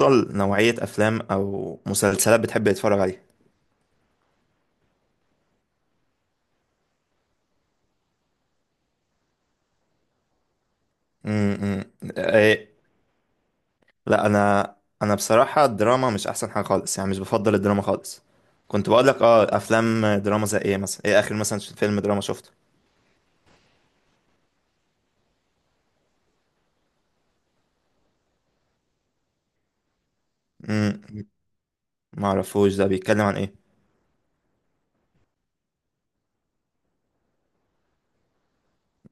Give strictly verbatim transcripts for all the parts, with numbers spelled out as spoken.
أفضل نوعية أفلام أو مسلسلات بتحب تتفرج عليها؟ امم. إيه. لا، أنا أنا بصراحة الدراما مش أحسن حاجة خالص، يعني مش بفضل الدراما خالص. كنت بقول لك أه أفلام دراما زي إيه مثلا، إيه آخر مثلا فيلم دراما شفته؟ امم. معرفوش ده بيتكلم عن إيه؟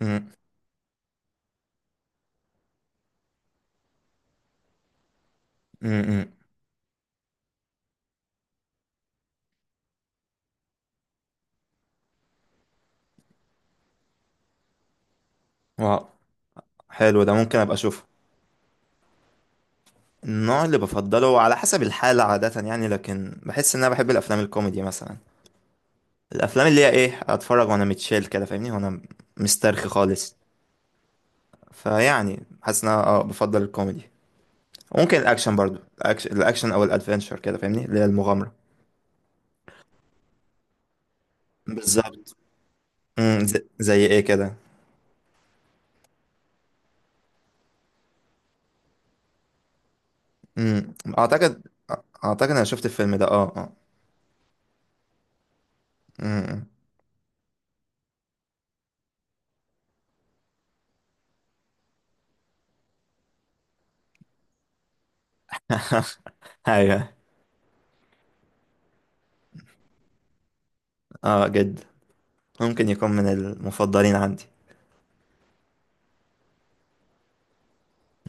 امم. امم. واو. حلو، ده ممكن أبقى أشوفه. النوع اللي بفضله على حسب الحالة عادة، يعني، لكن بحس إن أنا بحب الأفلام الكوميدي مثلا. الأفلام اللي هي، إيه، أتفرج وأنا متشيل كده، فاهمني؟ وأنا مسترخي خالص. فيعني حاسس ان انا اه بفضل الكوميدي. ممكن الاكشن برضو، الأكش... الاكشن او الادفنتشر كده، فاهمني، اللي هي المغامره. بالظبط. امم. زي... زي ايه كده؟ امم اعتقد اعتقد انا شفت الفيلم ده، اه، اه. امم. ايوه. اه، جد. ممكن يكون من المفضلين عندي.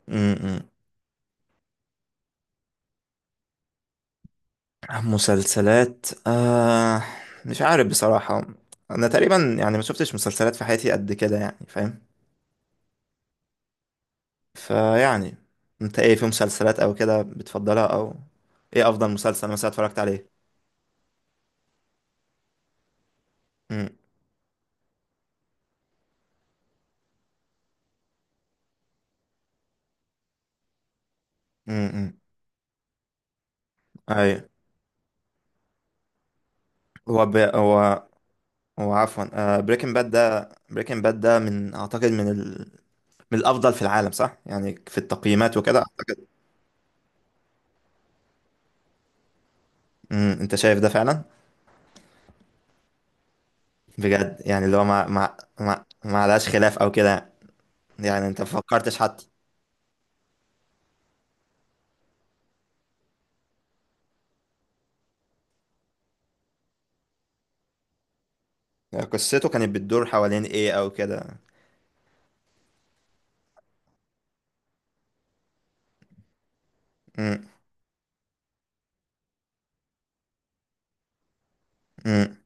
امم. مسلسلات، آه... مش عارف بصراحه. انا تقريبا يعني ما شفتش مسلسلات في حياتي قد كده، يعني فاهم؟ فيعني، انت ايه في مسلسلات او كده بتفضلها او...؟ ايه افضل مسلسل مثلا اتفرجت عليه؟ امم. امم. اي. هو ب... هو هو عفوا، آه بريكنج باد ده، بريكنج باد ده من اعتقد من ال... من الافضل في العالم صح، يعني في التقييمات وكده اعتقد. امم. انت شايف ده فعلا؟ بجد؟ يعني اللي هو ما ما ما ما عليهاش خلاف او كده. يعني انت ما فكرتش حتى؟ يعني قصته كانت بتدور حوالين ايه او كده؟ امم. امم.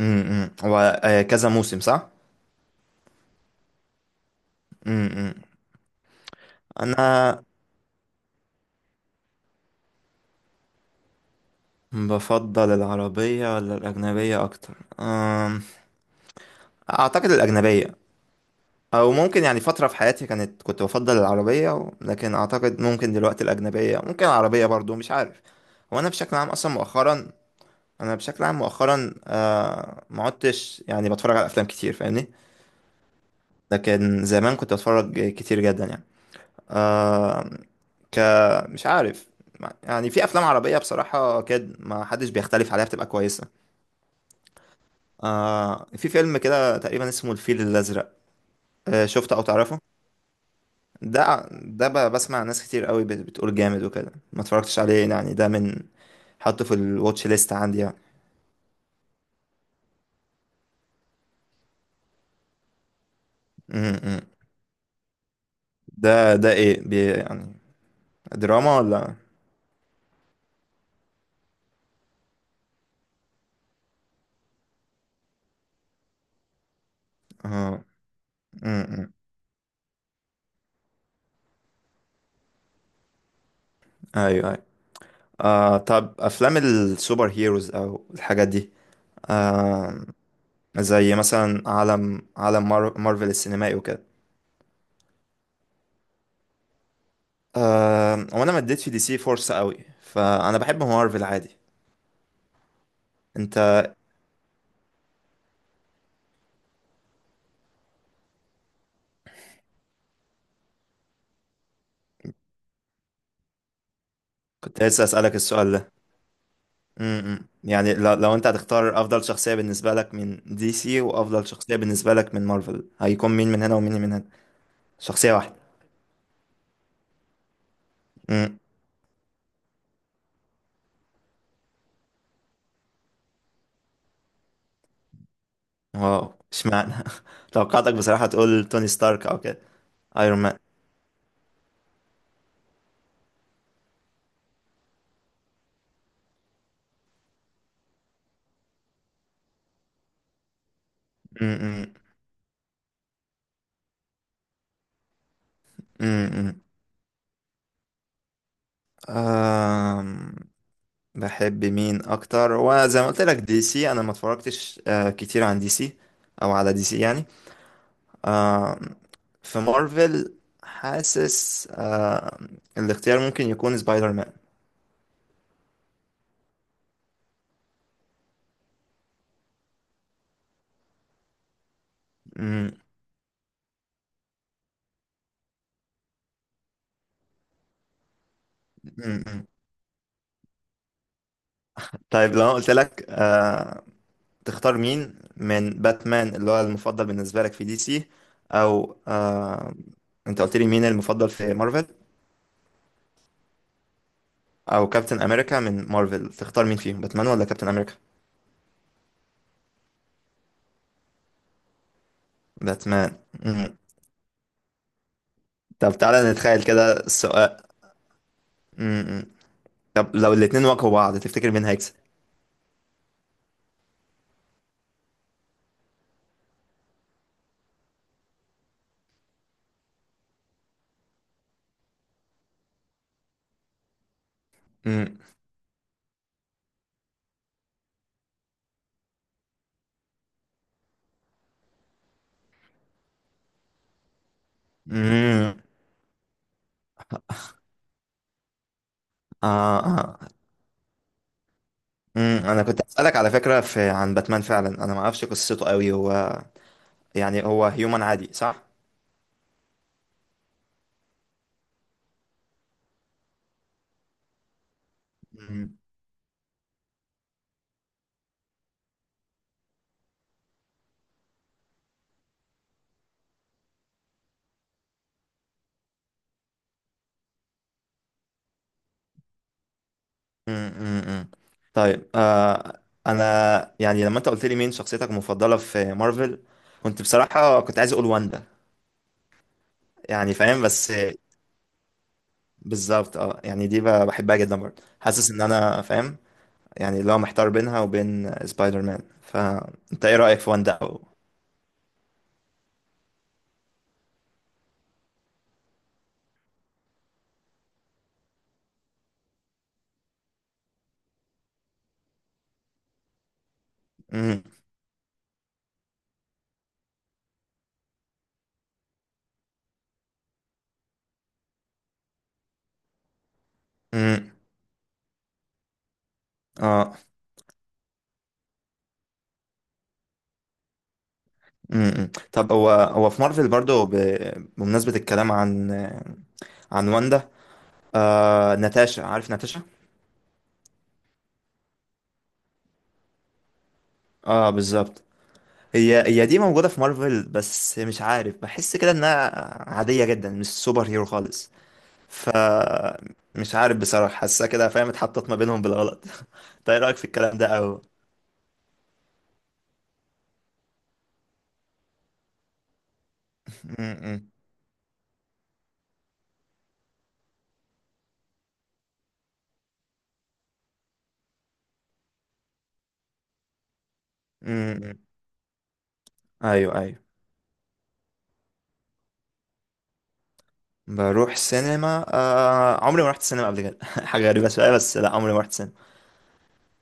امم. هو آه، كذا موسم صح؟ امم. انا. بفضل العربية ولا الأجنبية أكتر؟ أم، أعتقد الأجنبية. أو ممكن، يعني، فترة في حياتي كانت كنت بفضل العربية و- لكن أعتقد ممكن دلوقتي الأجنبية، ممكن العربية برضو، مش عارف. هو أنا بشكل عام أصلا مؤخرا. أنا بشكل عام مؤخرا آه، ما عدتش، يعني، بتفرج على أفلام كتير، فاهمني. لكن زمان كنت بتفرج كتير جدا يعني. آه، ك مش عارف. يعني في أفلام عربية بصراحة كده ما حدش بيختلف عليها، بتبقى كويسة. آه في فيلم كده تقريبا اسمه الفيل الأزرق. آه شفته أو تعرفه؟ ده ده ب- بسمع ناس كتير قوي بت- بتقول جامد وكده، ما اتفرجتش عليه يعني، ده من... حطه في الواتش ليست عندي يعني. م- م. ده ده ايه بي يعني؟ دراما ولا...؟ اه. م- م. ايوه، ايوه. آه طب افلام السوبر هيروز او الحاجات دي؟ آه زي مثلا عالم عالم مار مارفل السينمائي وكده. آه وانا ما اديتش دي سي فرصة قوي، فانا بحب مارفل عادي. انت. كنت لسه أسألك السؤال ده. امم يعني لو, لو انت هتختار افضل شخصية بالنسبة لك من دي سي، وافضل شخصية بالنسبة لك من مارفل، هيكون مين من هنا ومين من هنا؟ شخصية واحدة؟ امم. واو، اشمعنى؟ توقعتك بصراحة تقول توني ستارك او كده. ايرون مان. امم. امم. أم، بحب مين اكتر، وزي ما قلت لك دي سي انا ما اتفرجتش آه، كتير عن دي سي او على دي سي يعني. آه في مارفل، حاسس آه الاختيار ممكن يكون سبايدر مان. مم، مم، مم. طيب، لو أنا قلت لك آه تختار مين من باتمان اللي هو المفضل بالنسبة لك في دي سي، او آه انت قلت لي مين المفضل في مارفل، او كابتن امريكا من مارفل تختار مين فيهم، باتمان ولا كابتن امريكا؟ باتمان. مم. طب تعالى نتخيل كده السؤال. مم، مم. طب لو الاتنين واجهوا بعض، تفتكر مين هيكسب؟ مم، مم. آه، آه. امم انا كنت اسالك على فكره، في، عن باتمان فعلا، انا ما اعرفش قصته قوي. هو، يعني هو هيومن عادي صح؟ امم. امم. طيب آه انا يعني لما انت قلت لي مين شخصيتك المفضله في مارفل، كنت بصراحه كنت عايز اقول واندا. يعني فاهم، بس. بالظبط اه، يعني دي ب- بحبها جدا برضه، حاسس ان انا فاهم. يعني اللي هو محتار بينها وبين سبايدر مان، فانت ايه رايك في واندا او...؟ امم. امم. اه. امم طب هو هو في مارفل برضو، ب... بمناسبة الكلام عن عن واندا، آه... ناتاشا، عارف ناتاشا؟ اه، بالظبط. هي هي دي موجودة في مارفل، بس مش عارف، بحس كده انها عادية جدا، مش سوبر هيرو خالص. ف مش عارف بصراحة، حاسة كده فاهم، اتحطت ما بينهم بالغلط. انت ايه رأيك في الكلام ده او...؟ امم. امم. ايوه، ايوه. بروح سينما، آه... عمري ما رحت سينما قبل كده. حاجة غريبة شوية، بس لا، عمري ما رحت سينما.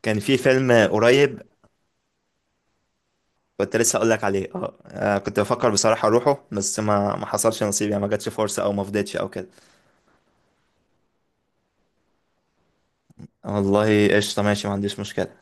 كان في فيلم قريب. كنت لسه اقول لك عليه، اه، آه، كنت بفكر بصراحه اروحه، بس ما ما حصلش نصيب يعني، ما جاتش فرصه او ما فضيتش او كده. والله، قشطه، ماشي، ما عنديش مشكله.